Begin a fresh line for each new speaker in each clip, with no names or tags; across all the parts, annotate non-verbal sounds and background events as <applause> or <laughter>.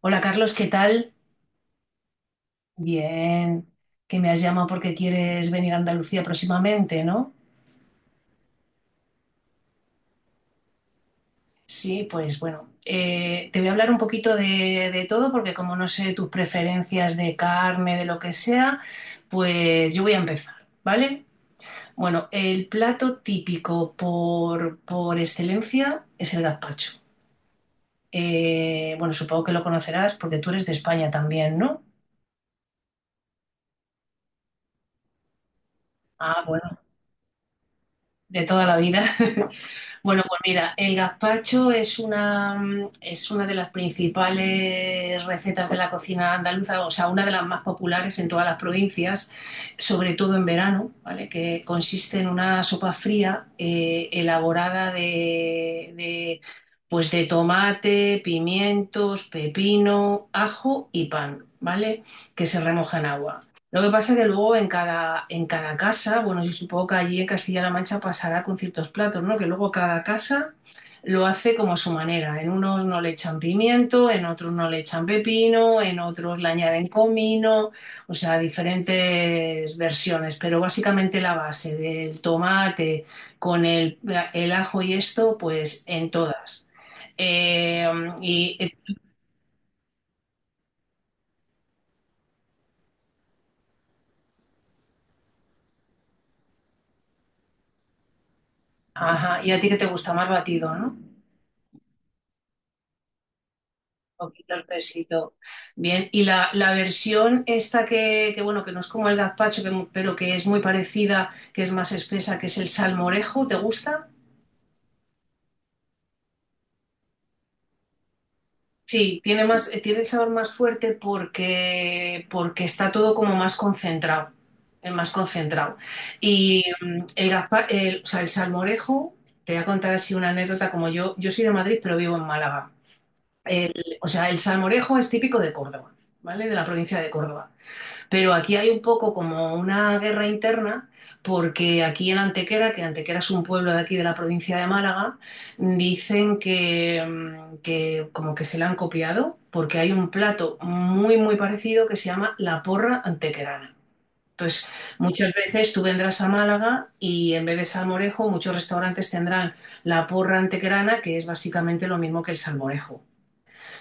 Hola Carlos, ¿qué tal? Bien, que me has llamado porque quieres venir a Andalucía próximamente, ¿no? Sí, pues bueno, te voy a hablar un poquito de todo porque como no sé tus preferencias de carne, de lo que sea, pues yo voy a empezar, ¿vale? Bueno, el plato típico por excelencia es el gazpacho. Bueno, supongo que lo conocerás porque tú eres de España también, ¿no? Ah, bueno, de toda la vida. <laughs> Bueno, pues mira, el gazpacho es una de las principales recetas de la cocina andaluza, o sea, una de las más populares en todas las provincias, sobre todo en verano, ¿vale? Que consiste en una sopa fría elaborada pues de tomate, pimientos, pepino, ajo y pan, ¿vale? Que se remoja en agua. Lo que pasa que luego en cada casa, bueno, yo supongo que allí en Castilla-La Mancha pasará con ciertos platos, ¿no? Que luego cada casa lo hace como a su manera. En unos no le echan pimiento, en otros no le echan pepino, en otros le añaden comino, o sea, diferentes versiones. Pero básicamente la base del tomate con el, el ajo y esto, pues en todas. Eh, y, eh, ajá, y a ti que te gusta más batido, ¿no? Un poquito el pesito. Bien, y la versión esta bueno, que no es como el gazpacho, que pero que es muy parecida, que es más espesa, que es el salmorejo, ¿te gusta? Sí, tiene más, tiene el sabor más fuerte porque está todo como más concentrado, es más concentrado. Y o sea, el salmorejo, te voy a contar así una anécdota, como yo soy de Madrid, pero vivo en Málaga. O sea, el salmorejo es típico de Córdoba, ¿vale? De la provincia de Córdoba. Pero aquí hay un poco como una guerra interna, porque aquí en Antequera, que Antequera es un pueblo de aquí de la provincia de Málaga, dicen que como que se la han copiado, porque hay un plato muy, muy parecido que se llama la porra antequerana. Entonces, muchas veces tú vendrás a Málaga y en vez de salmorejo, muchos restaurantes tendrán la porra antequerana, que es básicamente lo mismo que el salmorejo,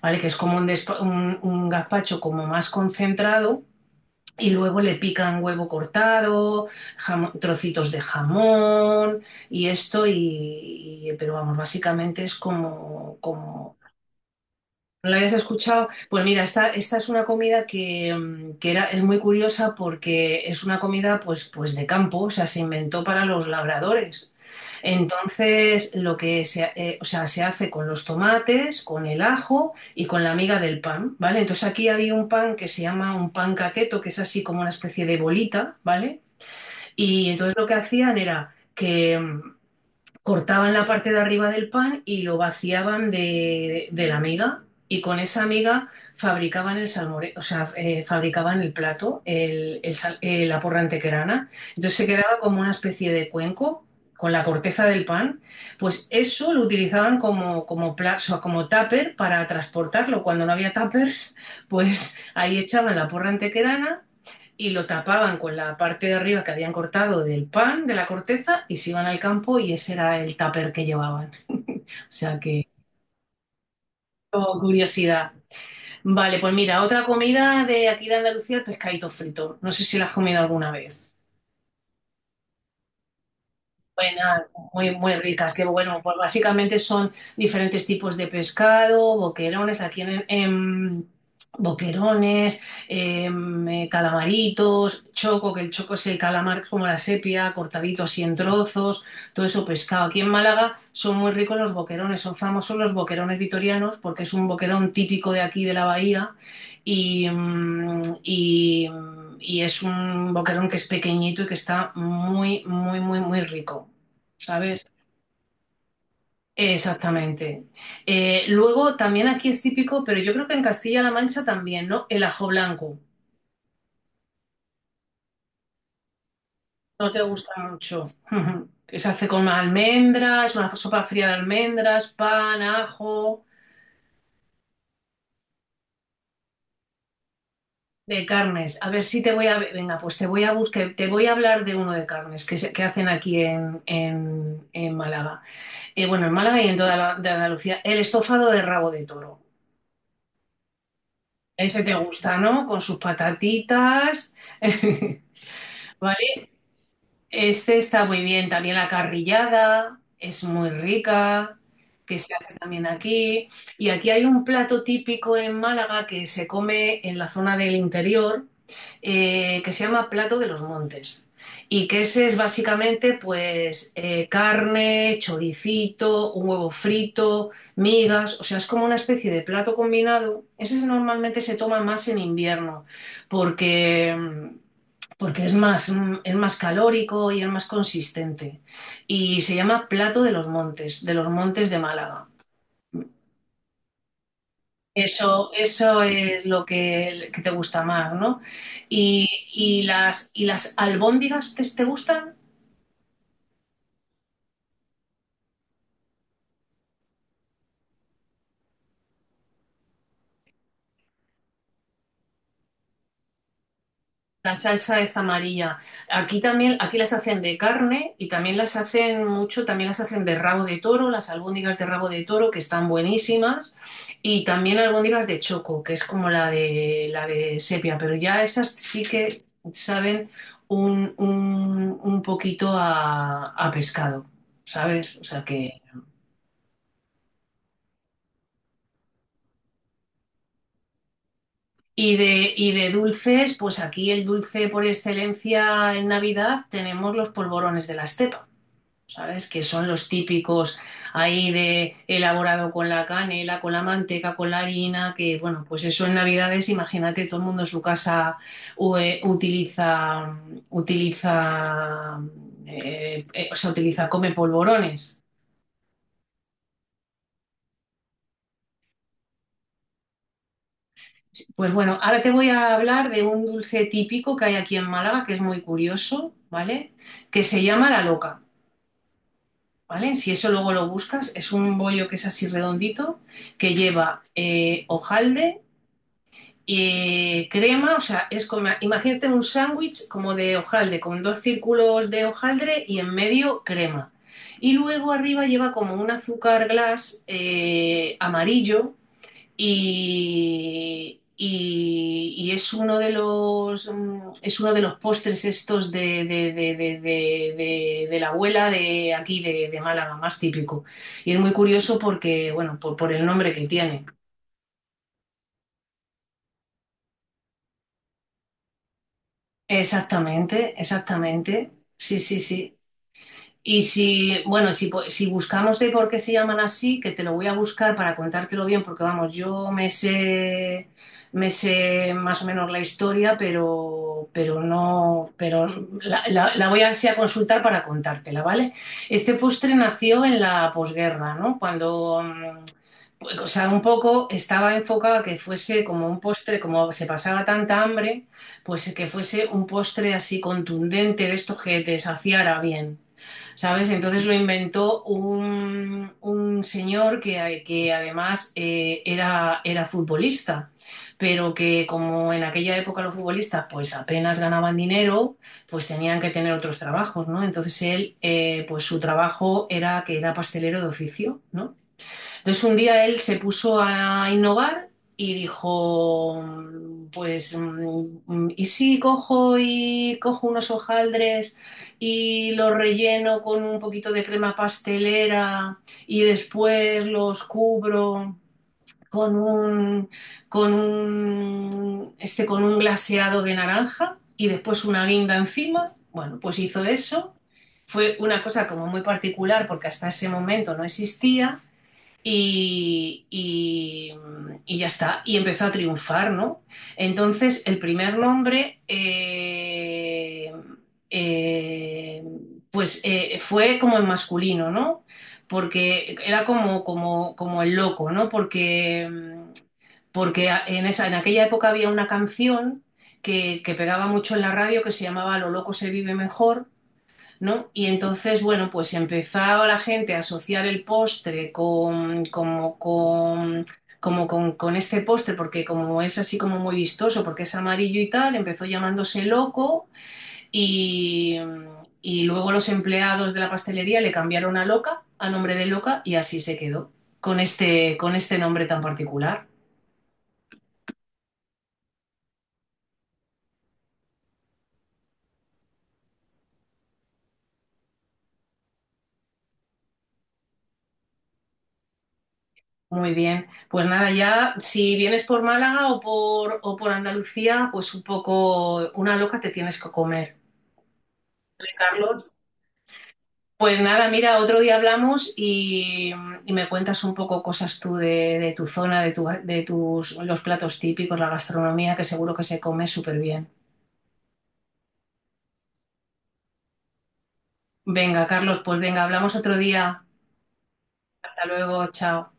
¿vale? Que es como un, despa- un gazpacho como más concentrado y luego le pican huevo cortado, trocitos de jamón y esto, pero vamos, básicamente es como, como... ¿No la habías escuchado? Pues mira, esta es una comida que, mm, que era, es muy curiosa porque es una comida pues de campo, o sea, se inventó para los labradores. Entonces, lo que o sea, se hace con los tomates, con el ajo y con la miga del pan, ¿vale? Entonces aquí había un pan que se llama un pan cateto, que es así como una especie de bolita, ¿vale? Y entonces lo que hacían era que cortaban la parte de arriba del pan y lo vaciaban de la miga y con esa miga fabricaban el salmore, o sea, fabricaban el plato, la porra antequerana. Entonces se quedaba como una especie de cuenco con la corteza del pan. Pues eso lo utilizaban o sea, como tupper para transportarlo. Cuando no había tuppers, pues ahí echaban la porra antequerana y lo tapaban con la parte de arriba que habían cortado del pan, de la corteza, y se iban al campo y ese era el tupper que llevaban. O sea que, oh, curiosidad. Vale, pues mira, otra comida de aquí de Andalucía, el pescadito frito. No sé si lo has comido alguna vez. Buenas, muy, muy ricas, que bueno. Pues básicamente son diferentes tipos de pescado, boquerones, aquí en boquerones, em, calamaritos, choco, que el choco es el calamar como la sepia, cortadito así en trozos, todo eso pescado. Aquí en Málaga son muy ricos los boquerones, son famosos los boquerones vitorianos porque es un boquerón típico de aquí de la bahía y es un boquerón que es pequeñito y que está muy, muy, muy, muy rico, ¿sabes? Exactamente. Luego también aquí es típico, pero yo creo que en Castilla-La Mancha también, ¿no? El ajo blanco. No te gusta mucho. <laughs> Ujú. Que se hace con almendras, es una sopa fría de almendras, pan, ajo, de carnes. A ver si te voy a... Venga, pues te voy a buscar, te voy a hablar de uno de carnes que hacen aquí en Málaga. Bueno, en Málaga y en toda la, de Andalucía, el estofado de rabo de toro. Ese te gusta, ¿no? Con sus patatitas. <laughs> Este está muy bien, también la carrillada es muy rica, que se hace también aquí. Y aquí hay un plato típico en Málaga que se come en la zona del interior, que se llama plato de los montes. Y que ese es básicamente carne, choricito, un huevo frito, migas, o sea, es como una especie de plato combinado. Ese normalmente se toma más en invierno, porque mm, porque es es más calórico y es más consistente. Y se llama plato de los montes, de los montes de Málaga. Eso es lo que te gusta más, ¿no? Y, y las albóndigas te, ¿te gustan? La salsa es amarilla. Aquí también, aquí las hacen de carne y también las hacen mucho, también las hacen de rabo de toro, las albóndigas de rabo de toro que están buenísimas y también albóndigas de choco, que es como la de sepia, pero ya esas sí que saben un poquito a pescado, ¿sabes? O sea que y de dulces, pues aquí el dulce por excelencia en Navidad tenemos los polvorones de la estepa. ¿Sabes? Que son los típicos ahí de elaborado con la canela, con la manteca, con la harina, que bueno, pues eso en Navidades, imagínate, todo el mundo en su casa u- eh, utiliza, utiliza, utiliza, come polvorones. Pues bueno, ahora te voy a hablar de un dulce típico que hay aquí en Málaga, que es muy curioso, ¿vale? Que se llama la loca, ¿vale? Si eso luego lo buscas, es un bollo que es así redondito, que lleva hojalde, crema, o sea, es como, imagínate un sándwich como de hojaldre, con dos círculos de hojaldre y en medio crema. Y luego arriba lleva como un azúcar glass amarillo y es uno de es uno de los postres estos de la abuela de aquí de Málaga, más típico. Y es muy curioso porque, bueno, por el nombre que tiene. Exactamente, exactamente. Sí, sí, sí. Y si, bueno, si buscamos de por qué se llaman así, que te lo voy a buscar para contártelo bien, porque vamos, me sé más o menos la historia, pero no, pero la voy a, sí a consultar para contártela, ¿vale? Este postre nació en la posguerra, ¿no? Bueno, o sea, un poco estaba enfocado a que fuese como un postre, como se pasaba tanta hambre, pues que fuese un postre así contundente de estos que te saciara bien, ¿sabes? Entonces lo inventó un señor que además era futbolista, pero que como en aquella época los futbolistas pues apenas ganaban dinero, pues tenían que tener otros trabajos, ¿no? Entonces él, pues su trabajo era que era pastelero de oficio, ¿no? Entonces un día él se puso a innovar y dijo, ¿y si cojo y cojo unos hojaldres y los relleno con un poquito de crema pastelera y después los cubro con un, con un glaseado de naranja y después una guinda encima? Bueno, pues hizo eso. Fue una cosa como muy particular porque hasta ese momento no existía y, y, y ya está, y empezó a triunfar, ¿no? Entonces, el primer nombre, eh, fue como en masculino, ¿no? Porque era como el loco, ¿no? Porque en, esa, en aquella época había una canción que pegaba mucho en la radio que se llamaba Lo loco se vive mejor, ¿no? Y entonces, bueno, pues empezaba la gente a asociar el postre con este postre, porque como es así como muy vistoso, porque es amarillo y tal, empezó llamándose loco y, y luego los empleados de la pastelería le cambiaron a loca, a nombre de loca, y así se quedó, con este nombre tan particular. Muy bien, pues nada, ya si vienes por Málaga o por Andalucía, pues un poco una loca te tienes que comer. Carlos. Pues nada, mira, otro día hablamos y me cuentas un poco cosas tú de tu zona, de, tu, de tus, los platos típicos, la gastronomía, que seguro que se come súper bien. Venga, Carlos, pues venga, hablamos otro día. Hasta luego, chao.